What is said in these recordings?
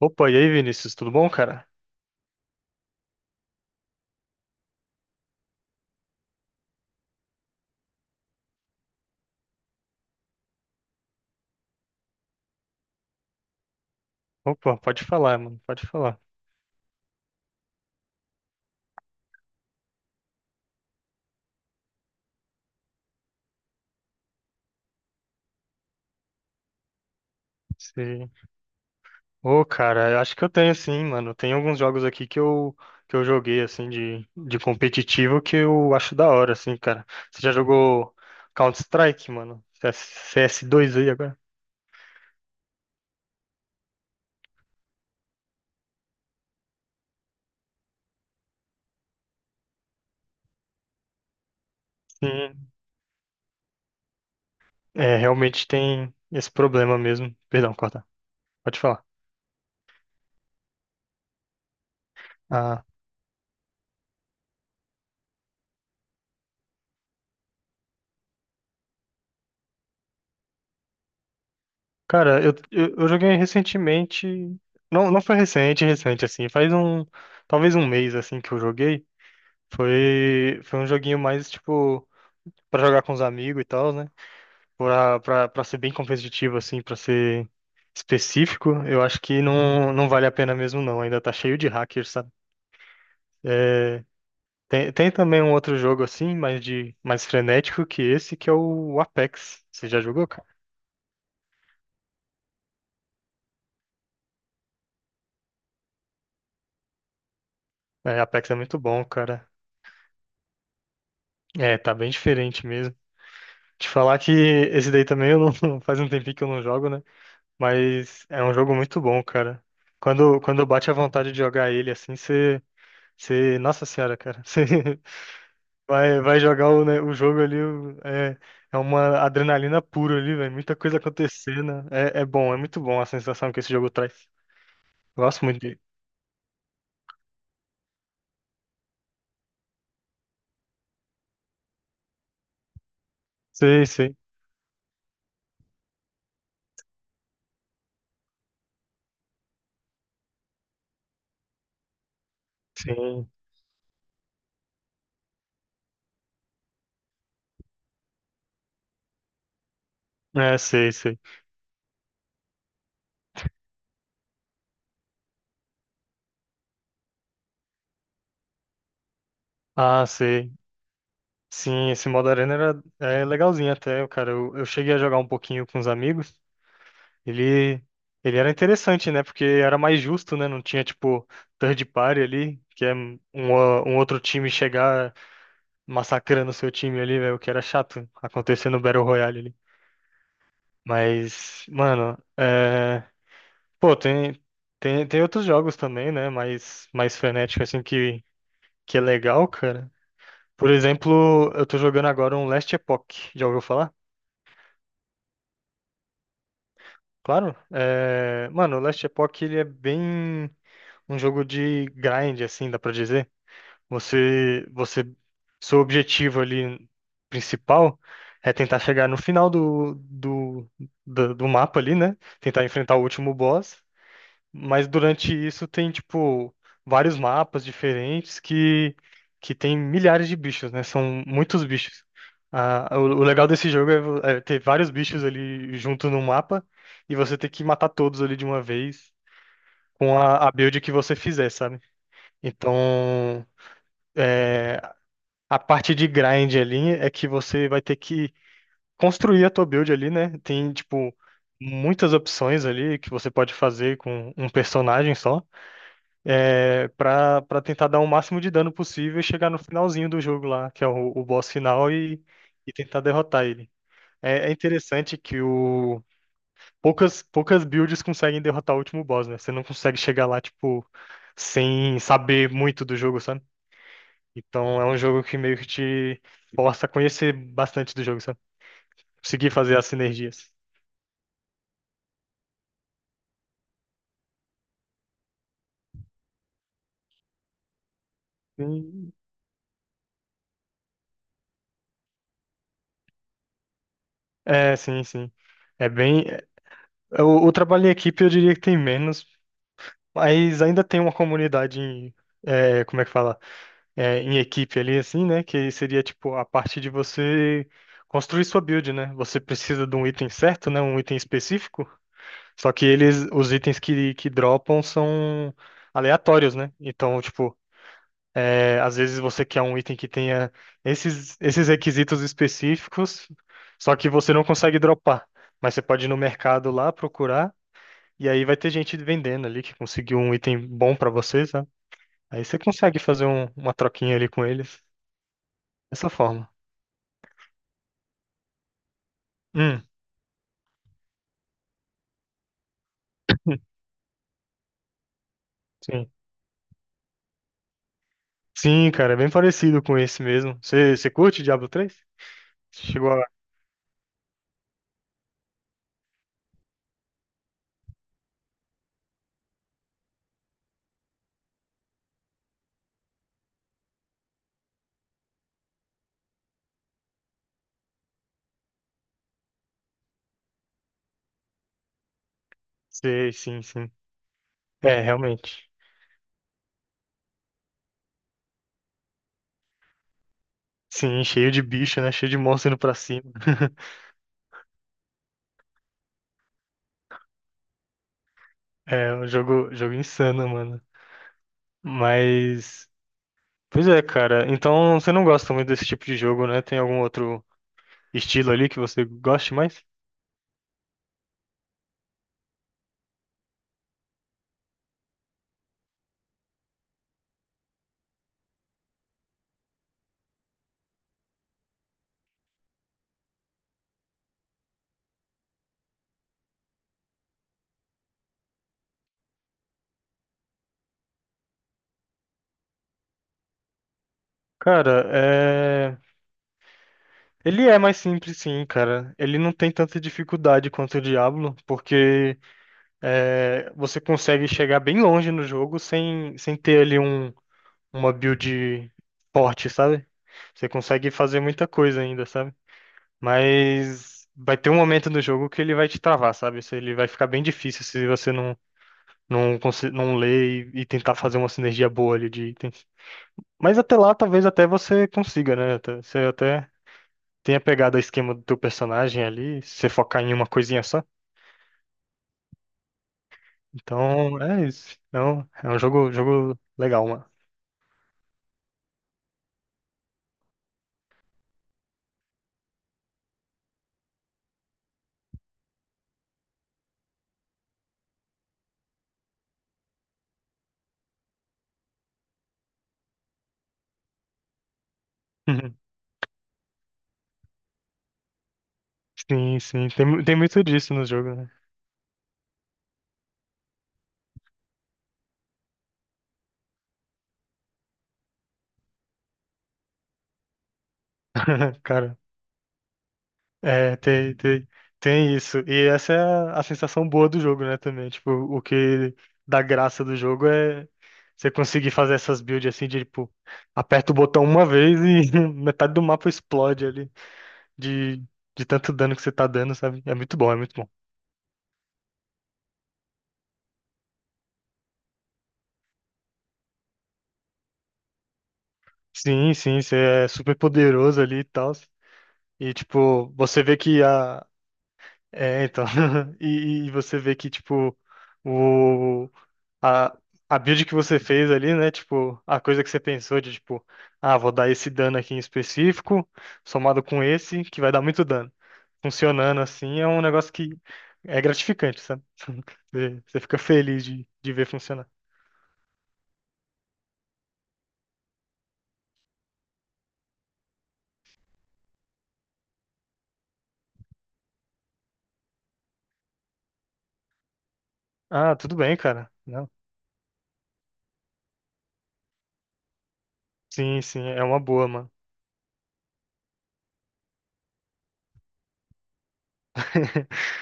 Opa, e aí, Vinícius, tudo bom, cara? Opa, pode falar, mano, pode falar. Sim. Ô, cara, eu acho que eu tenho sim, mano. Tem alguns jogos aqui que eu joguei, assim, de competitivo que eu acho da hora, assim, cara. Você já jogou Counter-Strike, mano? CS2 aí agora? Sim, é, realmente tem esse problema mesmo. Perdão, corta. Pode falar. Ah, cara, eu joguei recentemente. Não, não foi recente, recente, assim. Faz um. Talvez um mês, assim, que eu joguei. Foi um joguinho mais, tipo, pra jogar com os amigos e tal, né? Pra ser bem competitivo, assim, pra ser específico, eu acho que não vale a pena mesmo, não. Ainda tá cheio de hackers, sabe? Tem também um outro jogo, assim, mais frenético que esse, que é o Apex. Você já jogou, cara? É, Apex é muito bom, cara. É, tá bem diferente mesmo. Te falar que esse daí também eu não, faz um tempinho que eu não jogo, né? Mas é um jogo muito bom, cara. Quando bate a vontade de jogar ele assim. Você, nossa senhora, cara, você vai jogar o, né, o jogo ali. É uma adrenalina pura ali, velho, muita coisa acontecendo, é, é bom, é muito bom a sensação que esse jogo traz. Gosto muito dele. Sei, sei, sim, é, sei, sei. Ah, sei, sim, esse modo arena é legalzinho até, cara, eu cheguei a jogar um pouquinho com os amigos, ele, ele era interessante, né, porque era mais justo, né, não tinha, tipo, third party ali, que é um outro time chegar massacrando seu time ali, velho, o que era chato acontecer no Battle Royale ali. Mas, mano, é... pô, tem, tem outros jogos também, né? Mais frenético, assim, que é legal, cara. Por exemplo, eu tô jogando agora um Last Epoch. Já ouviu falar? Claro. É... Mano, o Last Epoch, ele é bem um jogo de grind, assim, dá pra dizer. Você, seu objetivo ali principal é tentar chegar no final do mapa ali, né? Tentar enfrentar o último boss. Mas durante isso tem, tipo, vários mapas diferentes que tem milhares de bichos, né? São muitos bichos. Ah, o legal desse jogo é ter vários bichos ali junto no mapa e você ter que matar todos ali de uma vez com a build que você fizer, sabe? Então. A parte de grind ali é que você vai ter que construir a tua build ali, né? Tem, tipo, muitas opções ali que você pode fazer com um personagem só, pra tentar dar o máximo de dano possível e chegar no finalzinho do jogo lá, que é o boss final, e tentar derrotar ele. É interessante que poucas builds conseguem derrotar o último boss, né? Você não consegue chegar lá, tipo, sem saber muito do jogo, sabe? Então é um jogo que meio que te força a conhecer bastante do jogo, sabe? Conseguir fazer as sinergias. Sim. É, sim, sim. É bem. O trabalho em equipe eu diria que tem menos, mas ainda tem uma comunidade em. Como é que fala? É, em equipe ali, assim, né? Que seria tipo a parte de você construir sua build, né? Você precisa de um item certo, né? Um item específico. Só que eles, os itens que dropam são aleatórios, né? Então, tipo. É, às vezes você quer um item que tenha esses requisitos específicos, só que você não consegue dropar. Mas você pode ir no mercado lá procurar, e aí vai ter gente vendendo ali que conseguiu um item bom pra você, sabe? Aí você consegue fazer uma troquinha ali com eles. Dessa forma. Hum, sim. Sim, cara, é bem parecido com esse mesmo. Você curte Diablo 3? Chegou a. Sei, sim, sim. É, realmente. Sim, cheio de bicho, né? Cheio de monstro indo pra cima. É um jogo insano, mano. Mas, pois é, cara. Então você não gosta muito desse tipo de jogo, né? Tem algum outro estilo ali que você goste mais? Cara, ele é mais simples, sim, cara. Ele não tem tanta dificuldade quanto o Diablo, porque você consegue chegar bem longe no jogo sem ter ali uma build forte, sabe? Você consegue fazer muita coisa ainda, sabe? Mas vai ter um momento no jogo que ele vai te travar, sabe? Se ele vai ficar bem difícil se você não. Não, não ler e tentar fazer uma sinergia boa ali de itens. Mas até lá, talvez até você consiga, né? Você até tenha pegado o esquema do teu personagem ali, se você focar em uma coisinha só. Então, é isso. Então, é um jogo legal, mano. Sim, sim. Tem muito disso no jogo, né? Cara. É, tem isso. E essa é a sensação boa do jogo, né, também. Tipo, o que dá graça do jogo é você conseguir fazer essas builds assim de, tipo, aperta o botão uma vez e metade do mapa explode ali de, de tanto dano que você tá dando, sabe? É muito bom, é muito bom. Sim, sim, você é super poderoso ali e tal. E, tipo, você vê que a... É, então... e você vê que, tipo, o... a, a build que você fez ali, né? Tipo, a coisa que você pensou de, tipo, ah, vou dar esse dano aqui em específico, somado com esse, que vai dar muito dano. Funcionando assim é um negócio que é gratificante, sabe? Você fica feliz de ver funcionar. Ah, tudo bem, cara. Não. Sim, sim, é uma boa, mano.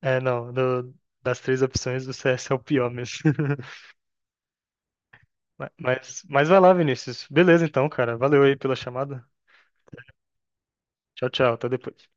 É, não, das três opções, o CS é o pior mesmo. Mas vai lá, Vinícius. Beleza, então, cara. Valeu aí pela chamada. Tchau, tchau. Até depois.